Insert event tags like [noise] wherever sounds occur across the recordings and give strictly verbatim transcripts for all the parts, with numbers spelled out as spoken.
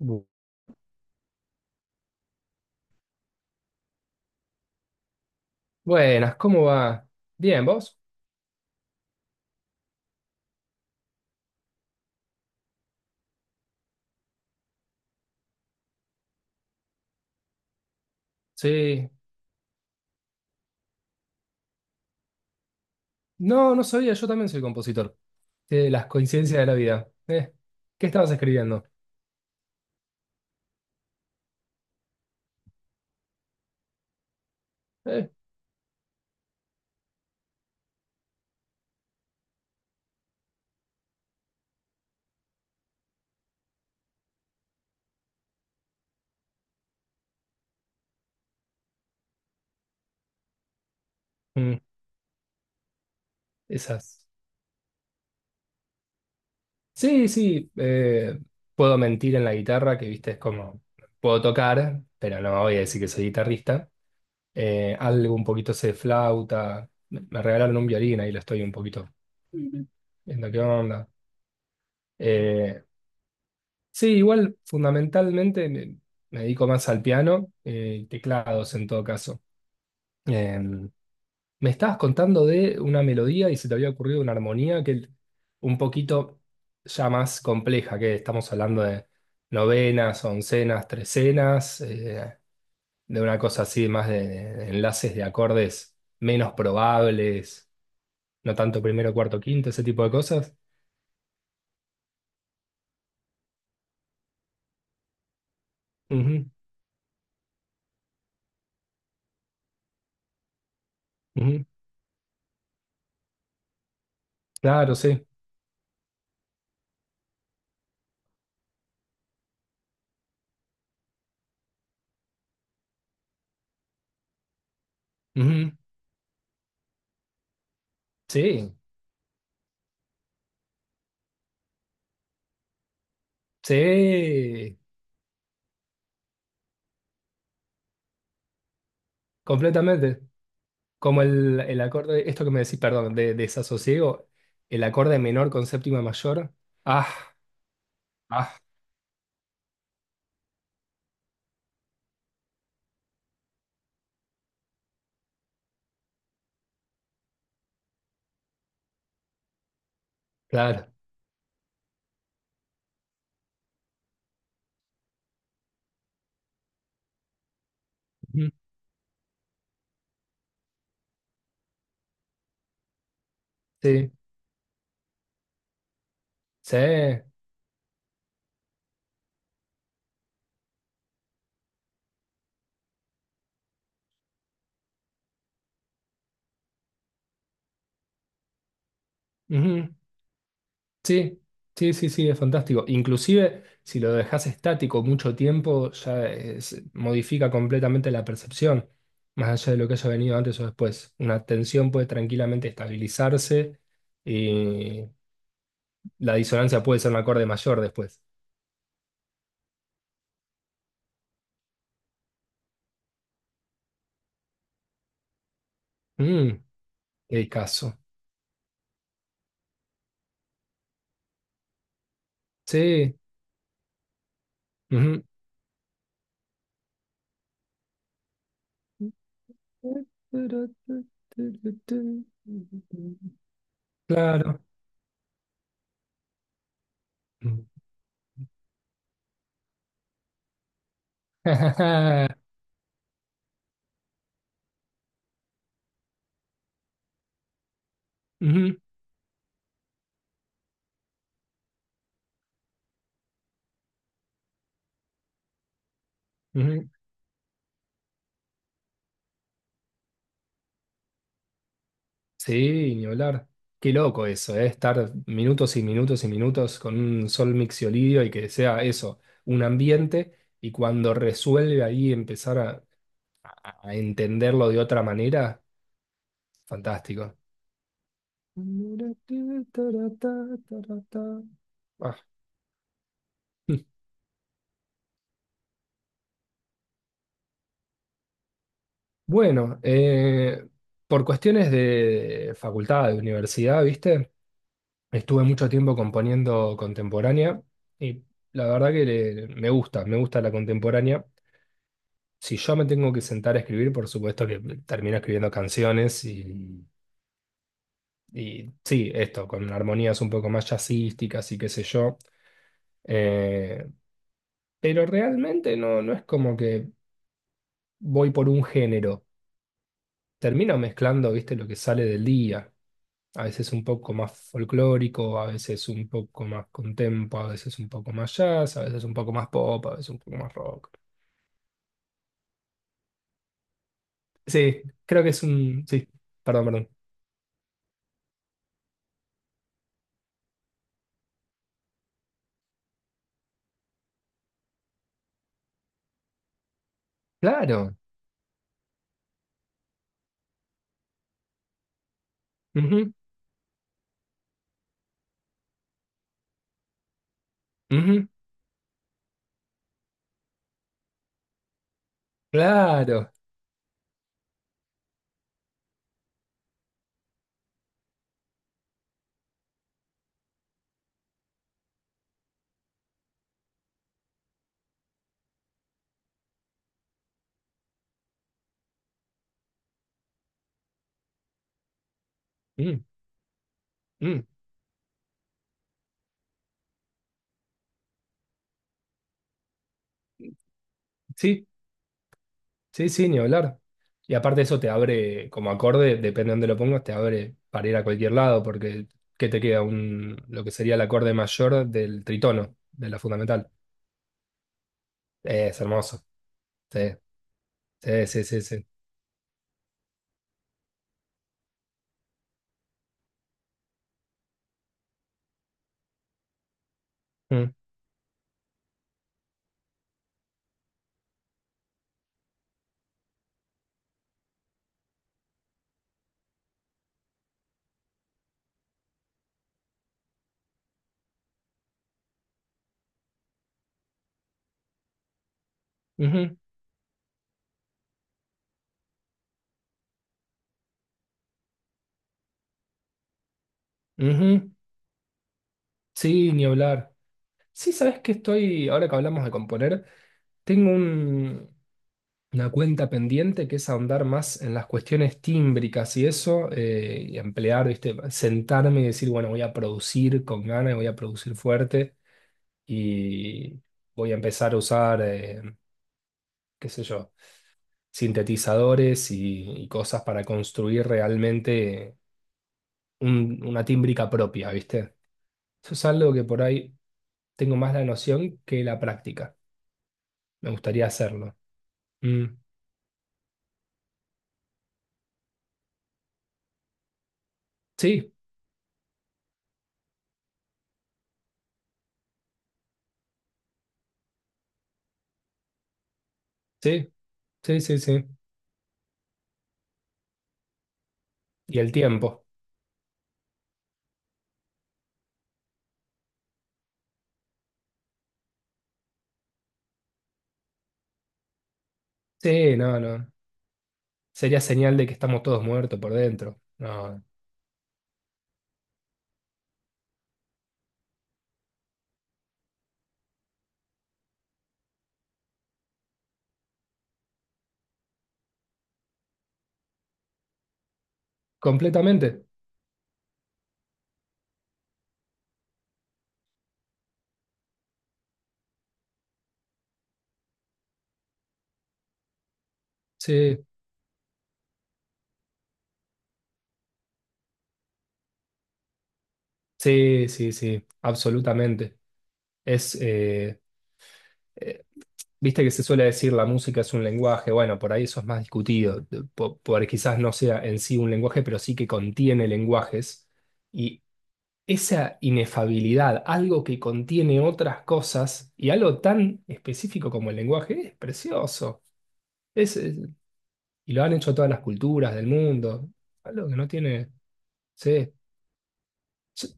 Bu- Buenas, ¿cómo va? Bien, ¿vos? Sí. No, no sabía, yo también soy compositor. Eh, las coincidencias de la vida. Eh, ¿qué estabas escribiendo? Eh, mm, esas. Sí, sí, eh, puedo mentir en la guitarra, que viste, es como, puedo tocar, pero no voy a decir que soy guitarrista. Eh, algo un poquito sé de flauta. Me me regalaron un violín, ahí lo estoy un poquito viendo qué onda. Eh, Sí, igual fundamentalmente me, me dedico más al piano eh, y teclados en todo caso. Eh, me estabas contando de una melodía y se te había ocurrido una armonía que un poquito ya más compleja, que estamos hablando de novenas, oncenas, trecenas, eh, de una cosa así más de, de enlaces de acordes menos probables, no tanto primero, cuarto, quinto, ese tipo de cosas. Ujú, ujú. Claro, sí. Ujú. Sí, sí. Completamente. Como el, el acorde, esto que me decís, perdón, de, desasosiego, el acorde menor con séptima mayor. Ah, ah, claro. Ujú. Sí, sí, ujú. Sí, sí, sí, sí, es fantástico. Inclusive, si lo dejas estático mucho tiempo, ya es- modifica completamente la percepción, más allá de lo que haya venido antes o después. Una tensión puede tranquilamente estabilizarse y la disonancia puede ser un acorde mayor después. Mm, qué discazo. Sí. Ujú. Claro. [laughs] Ujú, ujú. Sí, ni hablar. Qué loco eso, ¿eh? Estar minutos y minutos y minutos con un sol mixolidio y que sea eso, un ambiente, y cuando resuelve ahí empezar a, a entenderlo de otra manera, fantástico. Ah. [laughs] Bueno, eh, por cuestiones de facultad, de universidad, ¿viste? Estuve mucho tiempo componiendo contemporánea y la verdad que le- me gusta, me gusta la contemporánea. Si yo me tengo que sentar a escribir, por supuesto que termino escribiendo canciones y, y sí, esto, con armonías un poco más jazzísticas y qué sé yo. Eh, pero realmente no, no es como que voy por un género. Termino mezclando, ¿viste? Lo que sale del día, a veces un poco más folclórico, a veces un poco más contempo, a veces un poco más jazz, a veces un poco más pop, a veces un poco más rock. Sí, creo que es un... Sí, perdón, perdón. Claro. Ujú, ujú, claro. Mm, mm. Sí, sí, sí, ni hablar. Y aparte eso te abre, como acorde, depende de dónde lo pongas, te abre para ir a cualquier lado, porque ¿qué te queda? Un, lo que sería el acorde mayor del tritono, de la fundamental. Es hermoso. Sí, sí, sí, sí, sí. Mm, ujú. Ujú. Sí, ni hablar. Sí, sabes que estoy, ahora que hablamos de componer, tengo un, una cuenta pendiente que es ahondar más en las cuestiones tímbricas y eso, eh, y emplear, ¿viste? Sentarme y decir, bueno, voy a producir con ganas, voy a producir fuerte y voy a empezar a usar, eh, qué sé yo, sintetizadores y, y cosas para construir realmente un- una tímbrica propia, ¿viste? Eso es algo que por ahí tengo más la noción que la práctica. Me gustaría hacerlo. Mm. Sí, sí, sí, sí, sí. Y el tiempo. Sí, no, no. Sería señal de que estamos todos muertos por dentro. No, completamente. Sí, sí, sí, sí, absolutamente. Es, eh, eh, viste que se suele decir la música es un lenguaje. Bueno, por ahí eso es más discutido, de- po- por, quizás no sea en sí un lenguaje, pero sí que contiene lenguajes. Y esa inefabilidad, algo que contiene otras cosas y algo tan específico como el lenguaje, es precioso. Es, es- y lo han hecho todas las culturas del mundo. Algo que no tiene. Sí, sí,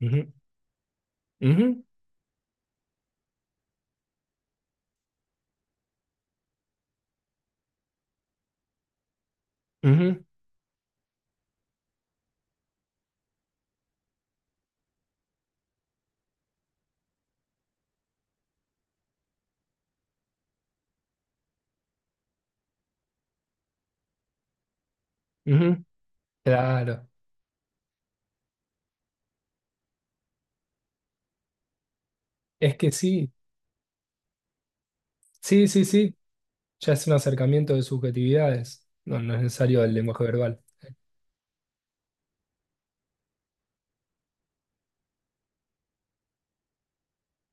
ujú, ujú, ujú, ujú. Claro. Es que sí. Sí, sí, sí. Ya es un acercamiento de subjetividades. No, no es necesario el lenguaje verbal.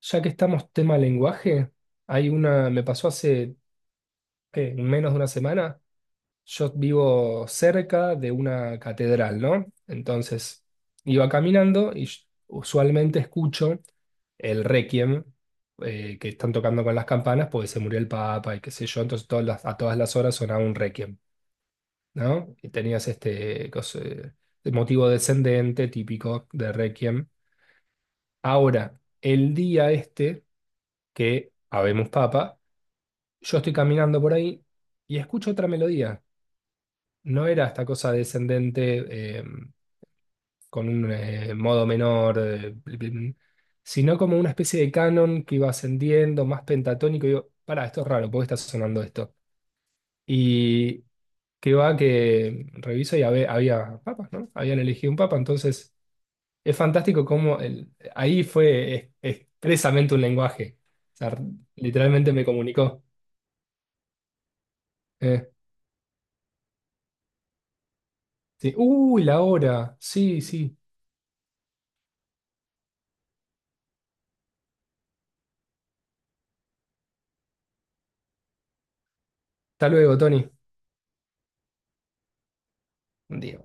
Ya que estamos tema lenguaje, hay una. Me pasó hace ¿qué? Menos de una semana. Yo vivo cerca de una catedral, ¿no? Entonces iba caminando y sh- usualmente escucho el requiem, eh, que están tocando con las campanas porque se murió el Papa y qué sé yo. Entonces todas las- a todas las horas sonaba un requiem, ¿no? Y tenías este cos- eh, el motivo descendente típico de requiem. Ahora, el día este que habemos Papa, yo estoy caminando por ahí y escucho otra melodía. No era esta cosa descendente, eh, con un eh, modo menor, eh, bl- bl- bl- sino como una especie de canon que iba ascendiendo, más pentatónico. Y digo, pará, esto es raro, ¿por qué está sonando esto? Y que va que reviso y habe- había, papas, ¿no? Habían elegido un papa, entonces es fantástico cómo el- ahí fue es- expresamente un lenguaje. O sea, literalmente me comunicó. Eh, sí. Uy, la hora. Sí, sí. Hasta luego, Tony. Un día.